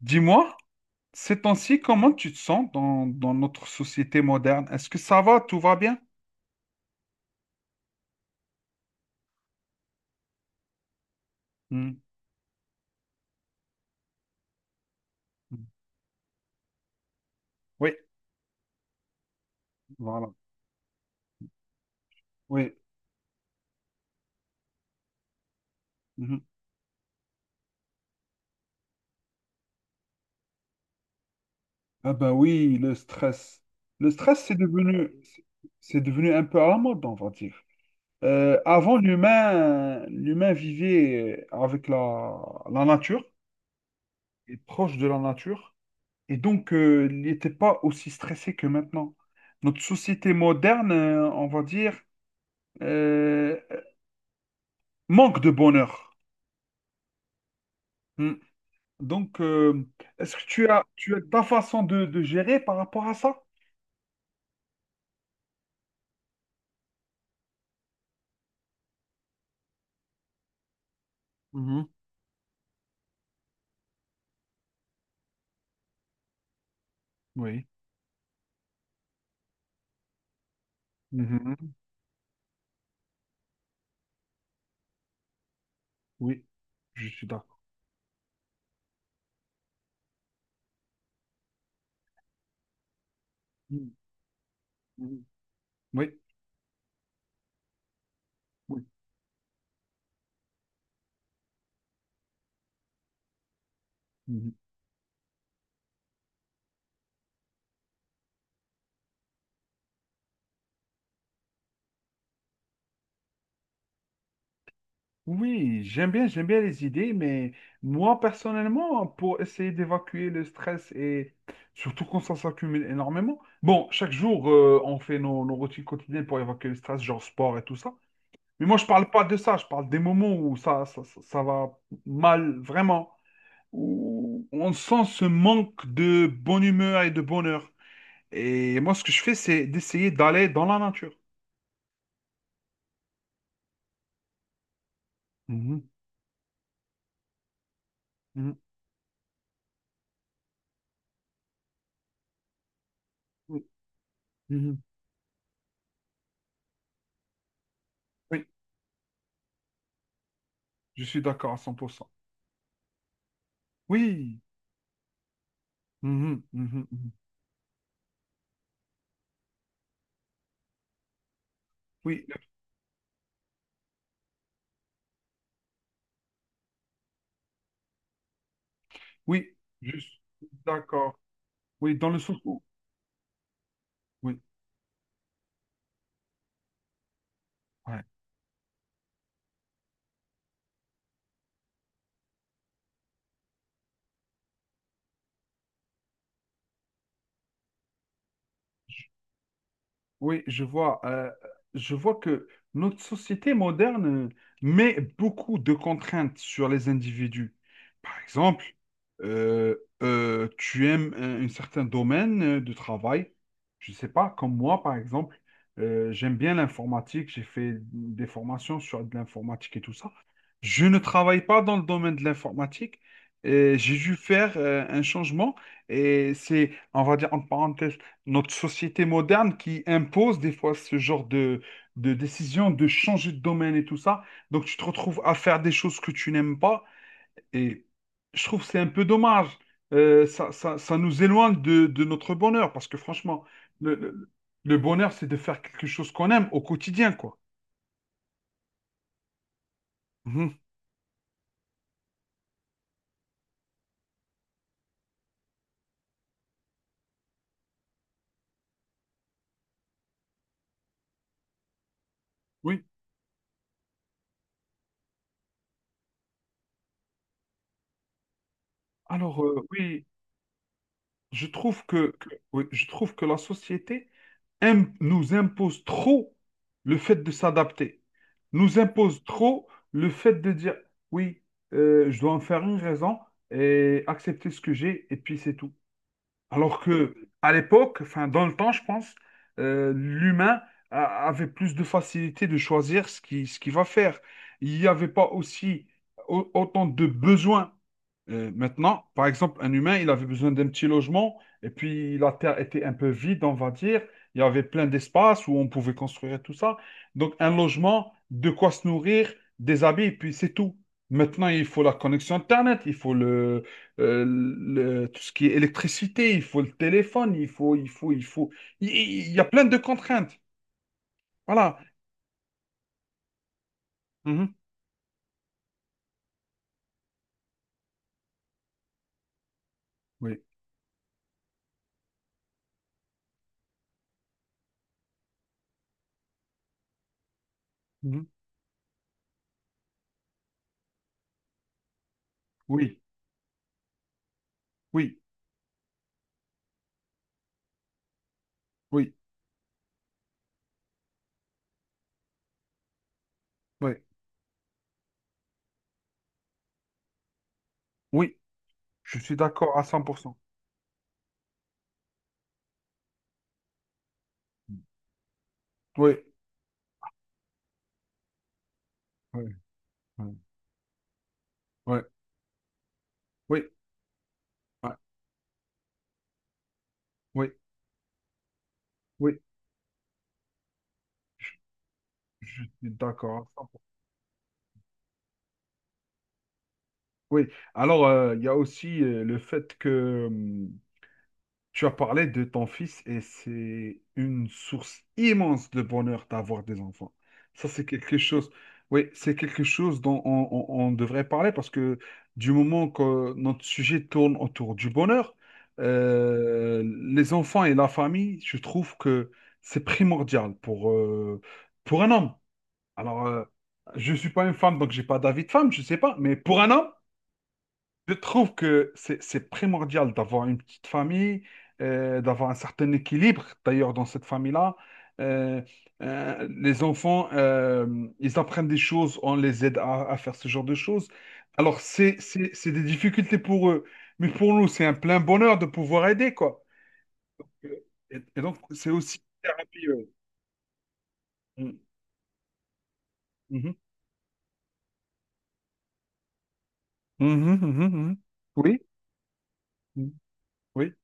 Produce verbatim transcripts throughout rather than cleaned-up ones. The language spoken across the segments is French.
Dis-moi, ces temps-ci, comment tu te sens dans, dans notre société moderne? Est-ce que ça va, tout va bien? Hmm, hmm. Oui, voilà. Oui. Mhm. Ah ben oui, le stress. Le stress, c'est devenu, c'est devenu un peu à la mode, on va dire. Euh, avant, l'humain, l'humain vivait avec la, la nature, et proche de la nature, et donc euh, il n'était pas aussi stressé que maintenant. Notre société moderne, euh, on va dire, euh, manque de bonheur. Hmm. Donc, euh, est-ce que tu as, tu as ta façon de, de gérer par rapport à ça? Mhm. Oui. Mhm. Oui, je suis d'accord. Mhm. Mhm. Oui. Oui. Mhm. Oui, j'aime bien, j'aime bien les idées, mais moi, personnellement, pour essayer d'évacuer le stress et surtout quand ça s'accumule énormément, bon, chaque jour, euh, on fait nos, nos routines quotidiennes pour évacuer le stress, genre sport et tout ça. Mais moi, je parle pas de ça, je parle des moments où ça, ça, ça ça va mal, vraiment. Où on sent ce manque de bonne humeur et de bonheur. Et moi, ce que je fais, c'est d'essayer d'aller dans la nature. Mhm, mhm, oui, mhm, oui, je suis d'accord à cent pour cent. Oui, mhm, mhm, mhm. Oui, oui, je suis d'accord. Oui, dans le sens où... Oui, ouais. Oui, je vois. Euh, je vois que notre société moderne euh, met beaucoup de contraintes sur les individus. Par exemple, euh, euh, tu aimes un, un certain domaine euh, de travail. Je ne sais pas, comme moi, par exemple, euh, j'aime bien l'informatique. J'ai fait des formations sur de l'informatique et tout ça. Je ne travaille pas dans le domaine de l'informatique. Et j'ai dû faire euh, un changement et c'est, on va dire, en parenthèse, notre société moderne qui impose des fois ce genre de, de décision de changer de domaine et tout ça. Donc tu te retrouves à faire des choses que tu n'aimes pas et je trouve que c'est un peu dommage. Euh, ça, ça, ça nous éloigne de, de notre bonheur parce que franchement, le, le- le bonheur, c'est de faire quelque chose qu'on aime au quotidien, quoi. Mhm. Oui. Alors, euh, oui, je trouve que, que- oui, je trouve que la société im- nous impose trop le fait de s'adapter, nous impose trop le fait de dire oui, euh, je dois en faire une raison et accepter ce que j'ai et puis c'est tout. Alors que à l'époque, enfin dans le temps, je pense, euh, l'humain a- avait plus de facilité de choisir ce qui, ce qu'il va faire. Il n'y avait pas aussi au- autant de besoins. Euh, maintenant, par exemple, un humain, il avait besoin d'un petit logement, et puis la terre était un peu vide, on va dire. Il y avait plein d'espace où on pouvait construire tout ça. Donc, un logement, de quoi se nourrir, des habits, et puis c'est tout. Maintenant, il faut la connexion Internet, il faut le, euh, le- tout ce qui est électricité, il faut le téléphone, il faut, il faut, il faut. Il, il y a plein de contraintes. Voilà. Mhm. Oui. Mhm. Oui. Oui. Oui. Oui. Oui. Je suis d'accord à cent pour cent. Oui. Oui. Ouais. Ouais. Oui, ouais. Oui, oui, d'accord. À cent pour cent. Oui, alors euh, il y a aussi euh, le fait que hum, tu as parlé de ton fils et c'est une source immense de bonheur d'avoir des enfants. Ça, c'est quelque chose, oui, c'est quelque chose dont on, on- on devrait parler parce que du moment que notre sujet tourne autour du bonheur, euh, les enfants et la famille, je trouve que c'est primordial pour, euh, pour un homme. Alors, euh, je ne suis pas une femme, donc j'ai pas d'avis de femme, je ne sais pas. Mais pour un homme, je trouve que c'est c'est primordial d'avoir une petite famille, euh, d'avoir un certain équilibre. D'ailleurs, dans cette famille-là, euh, euh, les enfants, euh, ils apprennent des choses, on les aide à, à faire ce genre de choses. Alors, c'est, c'est, c'est des difficultés pour eux. Mais pour nous, c'est un plein bonheur de pouvoir aider, quoi. Et, et donc, c'est aussi une thérapie. euh. Mm. Mhm. Mhm, mhm, mhm. Oui, mm. Oui,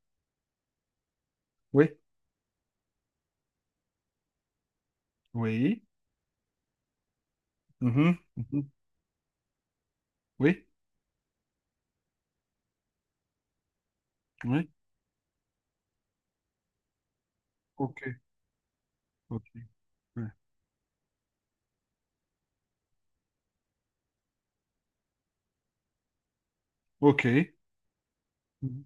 oui. Oui. Mhm, mhm. Oui. Oui. Ok. Ok. Ouais. Ok. Mhm,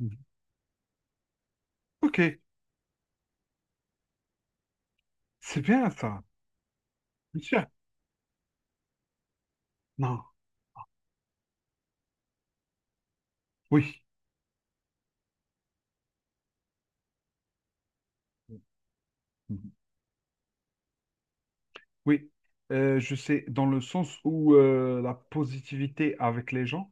mhm. Ok. C'est bien ça. Bien sûr. Non. Oui. Mhm. Oui. Euh, je sais, dans le sens où euh, la positivité avec les gens,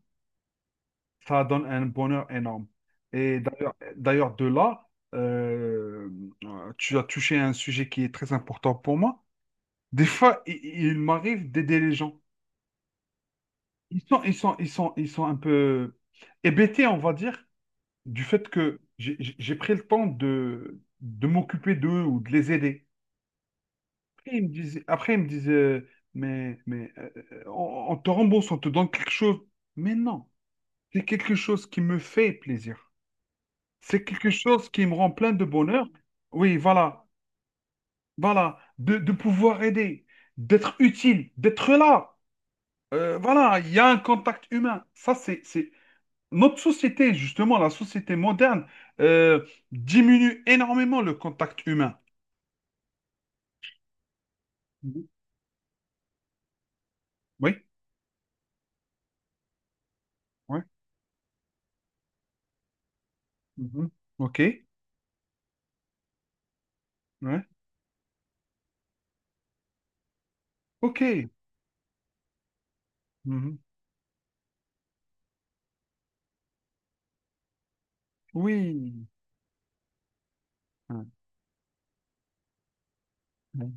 ça donne un bonheur énorme. Et d'ailleurs, d'ailleurs de là, euh, euh, tu as touché à un sujet qui est très important pour moi. Des fois, il, il m'arrive d'aider les gens. Ils sont, ils sont, ils sont, ils sont un peu hébétés, on va dire, du fait que j'ai j'ai- pris le temps de, de m'occuper d'eux ou de les aider. Après, ils me disaient, après, ils me disaient, euh, mais, mais euh, euh, on, on te rembourse, on te donne quelque chose. Mais non, c'est quelque chose qui me fait plaisir. C'est quelque chose qui me rend plein de bonheur. Oui, voilà, voilà, de, de pouvoir aider, d'être utile, d'être là. Euh, voilà, il y a un contact humain. Ça, c'est, c'est, notre société, justement, la société moderne, euh, diminue énormément le contact humain. Mhm. Oui, oui. Mhm. OK. Ouais. OK. Mhm. Oui. Ouais, ouais,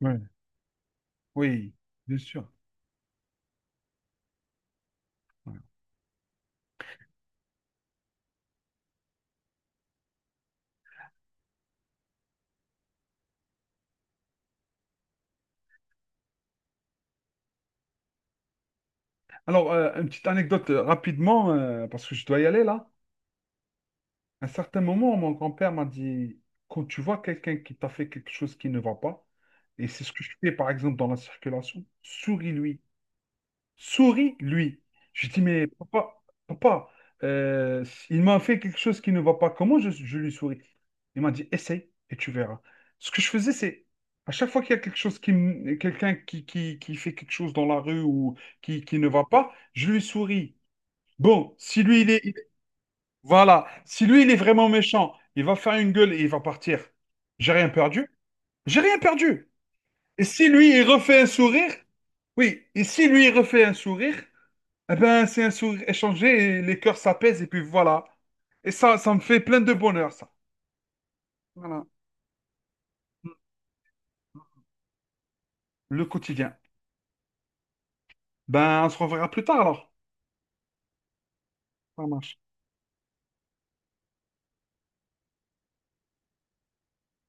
ouais, oui, bien sûr. Ouais. Alors, euh, une petite anecdote euh, rapidement, euh, parce que je dois y aller là. À un certain moment, mon grand-père m'a dit, quand tu vois quelqu'un qui t'a fait quelque chose qui ne va pas, et c'est ce que je fais par exemple dans la circulation, souris-lui. Souris, lui. Je dis, mais papa, papa, euh, il m'a fait quelque chose qui ne va pas. Comment je, je lui souris? Il m'a dit, essaye et tu verras. Ce que je faisais, c'est à chaque fois qu'il y a quelque chose qui, m- quelqu'un qui, qui, qui fait quelque chose dans la rue ou qui, qui ne va pas, je lui souris. Bon, si lui, il est, il- voilà, si lui, il est vraiment méchant, il va faire une gueule et il va partir. J'ai rien perdu. J'ai rien perdu. Et si lui, il refait un sourire, oui, et si lui, il refait un sourire, eh ben, c'est un sourire échangé et les cœurs s'apaisent et puis voilà. Et ça, ça me fait plein de bonheur, ça. Voilà. Le quotidien. Ben, on se reverra plus tard alors. Ça marche.